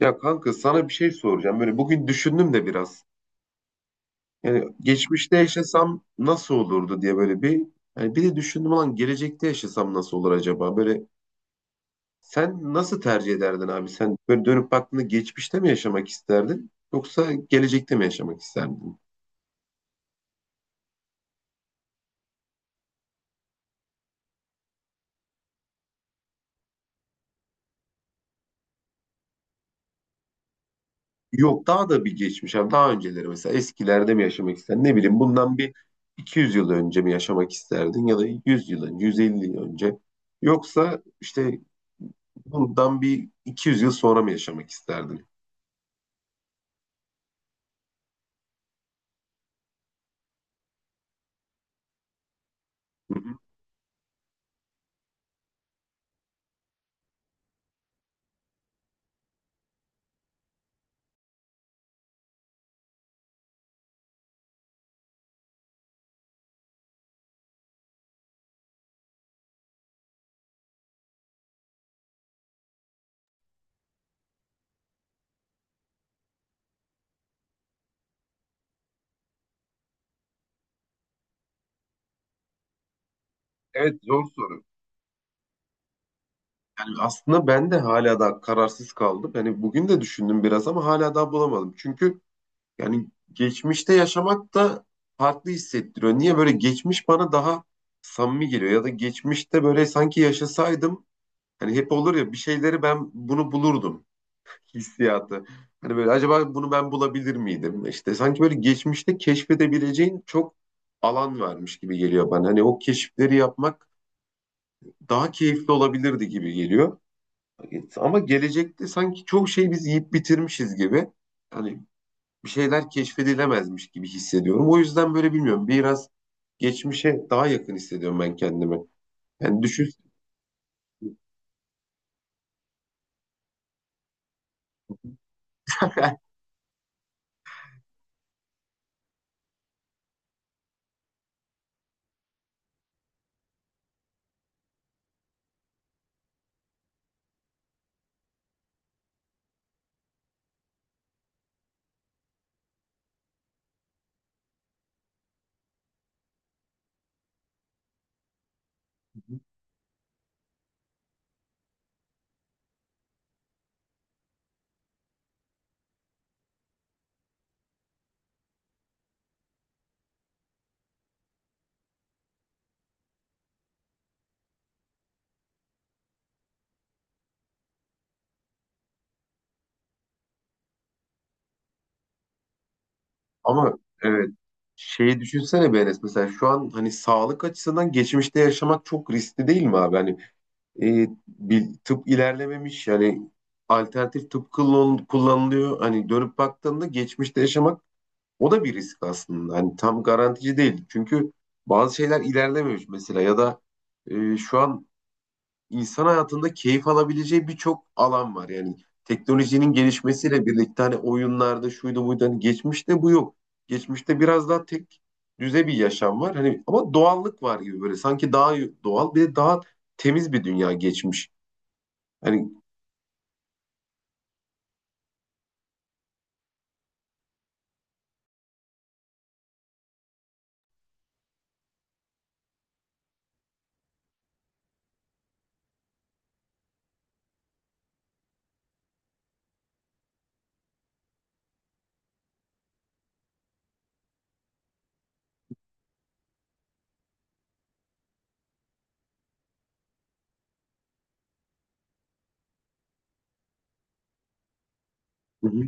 Ya kanka sana bir şey soracağım. Böyle bugün düşündüm de biraz. Yani geçmişte yaşasam nasıl olurdu diye böyle bir bir de düşündüm olan gelecekte yaşasam nasıl olur acaba? Böyle sen nasıl tercih ederdin abi? Sen böyle dönüp baktığında geçmişte mi yaşamak isterdin yoksa gelecekte mi yaşamak isterdin? Yok daha da bir geçmiş abi, daha önceleri mesela eskilerde mi yaşamak isterdin? Ne bileyim, bundan bir 200 yıl önce mi yaşamak isterdin ya da 100 yıl önce, 150 yıl önce, yoksa bundan bir 200 yıl sonra mı yaşamak isterdin? Hı hı. Evet, zor soru. Yani aslında ben de hala daha kararsız kaldım. Yani bugün de düşündüm biraz ama hala daha bulamadım. Çünkü yani geçmişte yaşamak da farklı hissettiriyor. Niye böyle geçmiş bana daha samimi geliyor ya da geçmişte böyle sanki yaşasaydım, hani hep olur ya, bir şeyleri ben bunu bulurdum hissiyatı. Hani böyle acaba bunu ben bulabilir miydim? İşte sanki böyle geçmişte keşfedebileceğin çok alan varmış gibi geliyor bana. Hani o keşifleri yapmak daha keyifli olabilirdi gibi geliyor. Ama gelecekte sanki çok şey biz yiyip bitirmişiz gibi. Hani bir şeyler keşfedilemezmiş gibi hissediyorum. O yüzden böyle bilmiyorum, biraz geçmişe daha yakın hissediyorum ben kendimi. Yani düşün. Ama evet, şeyi düşünsene be Enes, mesela şu an hani sağlık açısından geçmişte yaşamak çok riskli değil mi abi? Hani bir tıp ilerlememiş, yani alternatif tıp kullanılıyor. Hani dönüp baktığında geçmişte yaşamak o da bir risk aslında. Hani tam garantici değil. Çünkü bazı şeyler ilerlememiş mesela ya da şu an insan hayatında keyif alabileceği birçok alan var. Yani teknolojinin gelişmesiyle birlikte hani oyunlarda şuydu buydu, hani geçmişte bu yok. Geçmişte biraz daha tek düze bir yaşam var. Hani ama doğallık var gibi, böyle sanki daha doğal, bir de daha temiz bir dünya geçmiş. Hani. Hı hı,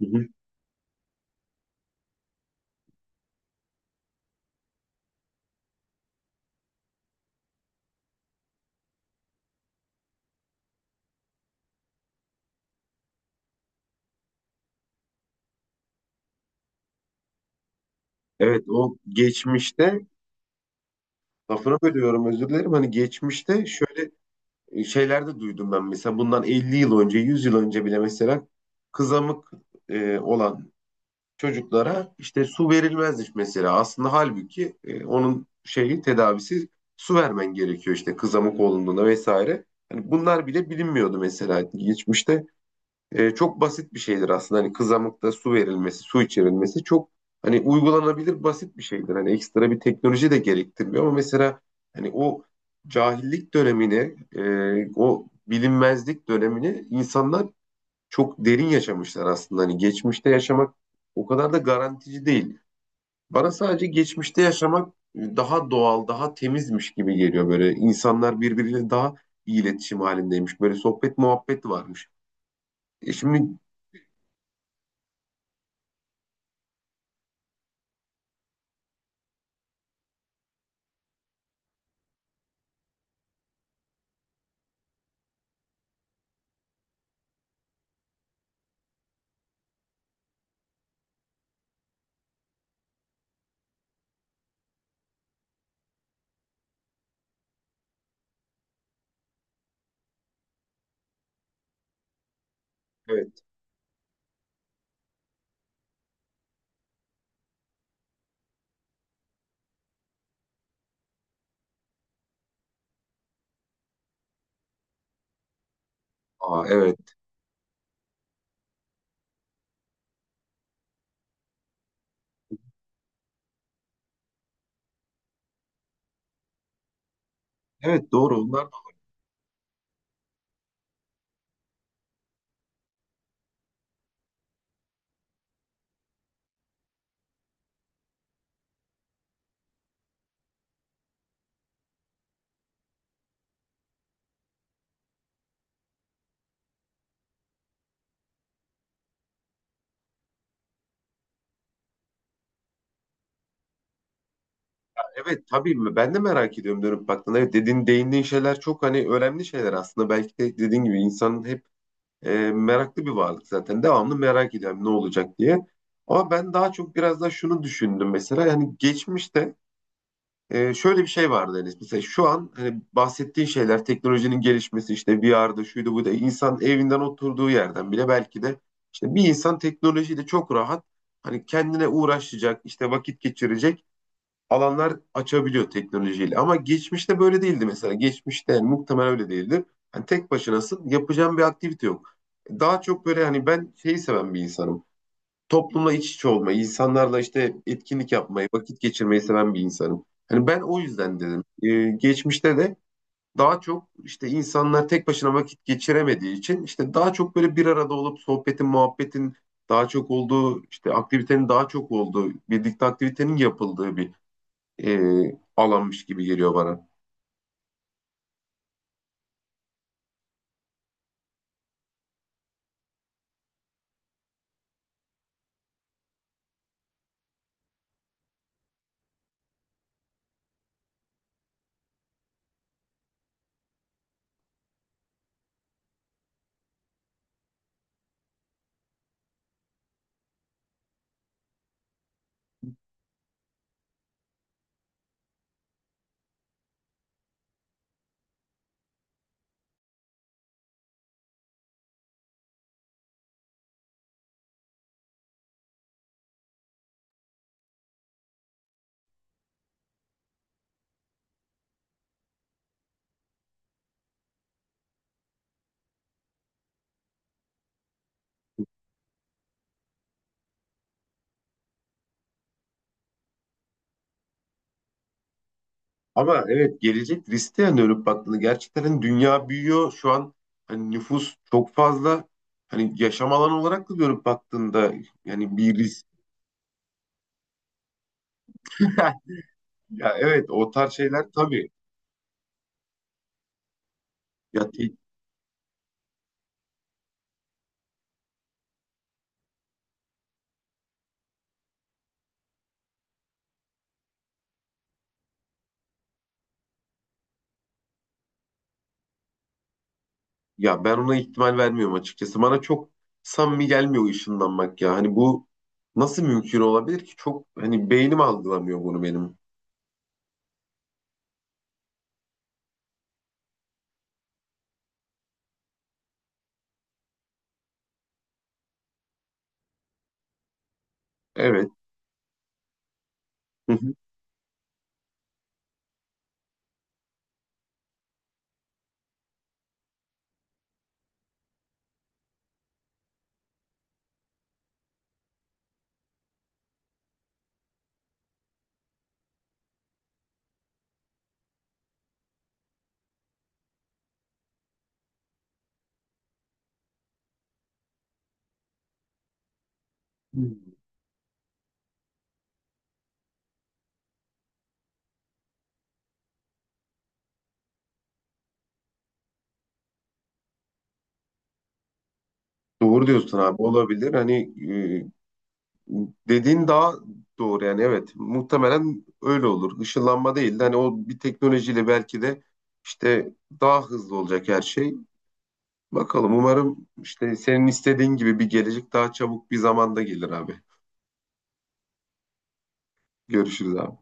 hı hı. Evet, o geçmişte, lafını bölüyorum özür dilerim. Hani geçmişte şöyle şeyler de duydum ben, mesela bundan 50 yıl önce, 100 yıl önce bile mesela kızamık olan çocuklara işte su verilmezmiş mesela. Aslında halbuki onun şeyi, tedavisi su vermen gerekiyor, işte kızamık olduğunda vesaire. Hani bunlar bile bilinmiyordu mesela geçmişte. Çok basit bir şeydir aslında. Hani kızamıkta su verilmesi, su içirilmesi çok hani uygulanabilir basit bir şeydir. Hani ekstra bir teknoloji de gerektirmiyor ama mesela hani o cahillik dönemini, o bilinmezlik dönemini insanlar çok derin yaşamışlar aslında. Hani geçmişte yaşamak o kadar da garantici değil. Bana sadece geçmişte yaşamak daha doğal, daha temizmiş gibi geliyor böyle. İnsanlar birbiriyle daha iyi iletişim halindeymiş. Böyle sohbet muhabbet varmış. E şimdi evet. Aa, evet. Evet, doğru onlar. Evet tabii mi? Ben de merak ediyorum dönüp baktığında. Evet, dediğin, değindiğin şeyler çok hani önemli şeyler aslında. Belki de dediğin gibi insanın hep, meraklı bir varlık zaten. Devamlı merak ediyorum ne olacak diye. Ama ben daha çok biraz daha şunu düşündüm mesela. Yani geçmişte şöyle bir şey vardı Enes. Mesela şu an hani bahsettiğin şeyler, teknolojinin gelişmesi, işte VR'da şuydu bu da insan evinden oturduğu yerden bile belki de işte bir insan teknolojiyle çok rahat, hani kendine uğraşacak, işte vakit geçirecek alanlar açabiliyor teknolojiyle. Ama geçmişte böyle değildi mesela. Geçmişte yani muhtemelen öyle değildi. Hani tek başınasın, yapacağın bir aktivite yok. Daha çok böyle, hani ben şeyi seven bir insanım. Toplumla iç içe olmayı, insanlarla işte etkinlik yapmayı, vakit geçirmeyi seven bir insanım. Hani ben o yüzden dedim. Geçmişte de daha çok işte insanlar tek başına vakit geçiremediği için işte daha çok böyle bir arada olup sohbetin, muhabbetin daha çok olduğu, işte aktivitenin daha çok olduğu, birlikte aktivitenin yapıldığı bir e, alanmış gibi geliyor bana. Ama evet, gelecek riske dönüp baktığında gerçekten hani dünya büyüyor. Şu an hani nüfus çok fazla. Hani yaşam alanı olarak da dönüp baktığında yani bir risk. Ya evet, o tarz şeyler tabii. Ya, te- Ya ben ona ihtimal vermiyorum açıkçası. Bana çok samimi gelmiyor o ışınlanmak ya. Hani bu nasıl mümkün olabilir ki? Çok hani beynim algılamıyor bunu benim. Evet. Hı hı. Doğru diyorsun abi, olabilir. Hani e, dediğin daha doğru, yani evet muhtemelen öyle olur. Işınlanma değil de hani o bir teknolojiyle belki de işte daha hızlı olacak her şey. Bakalım, umarım işte senin istediğin gibi bir gelecek daha çabuk bir zamanda gelir abi. Görüşürüz abi.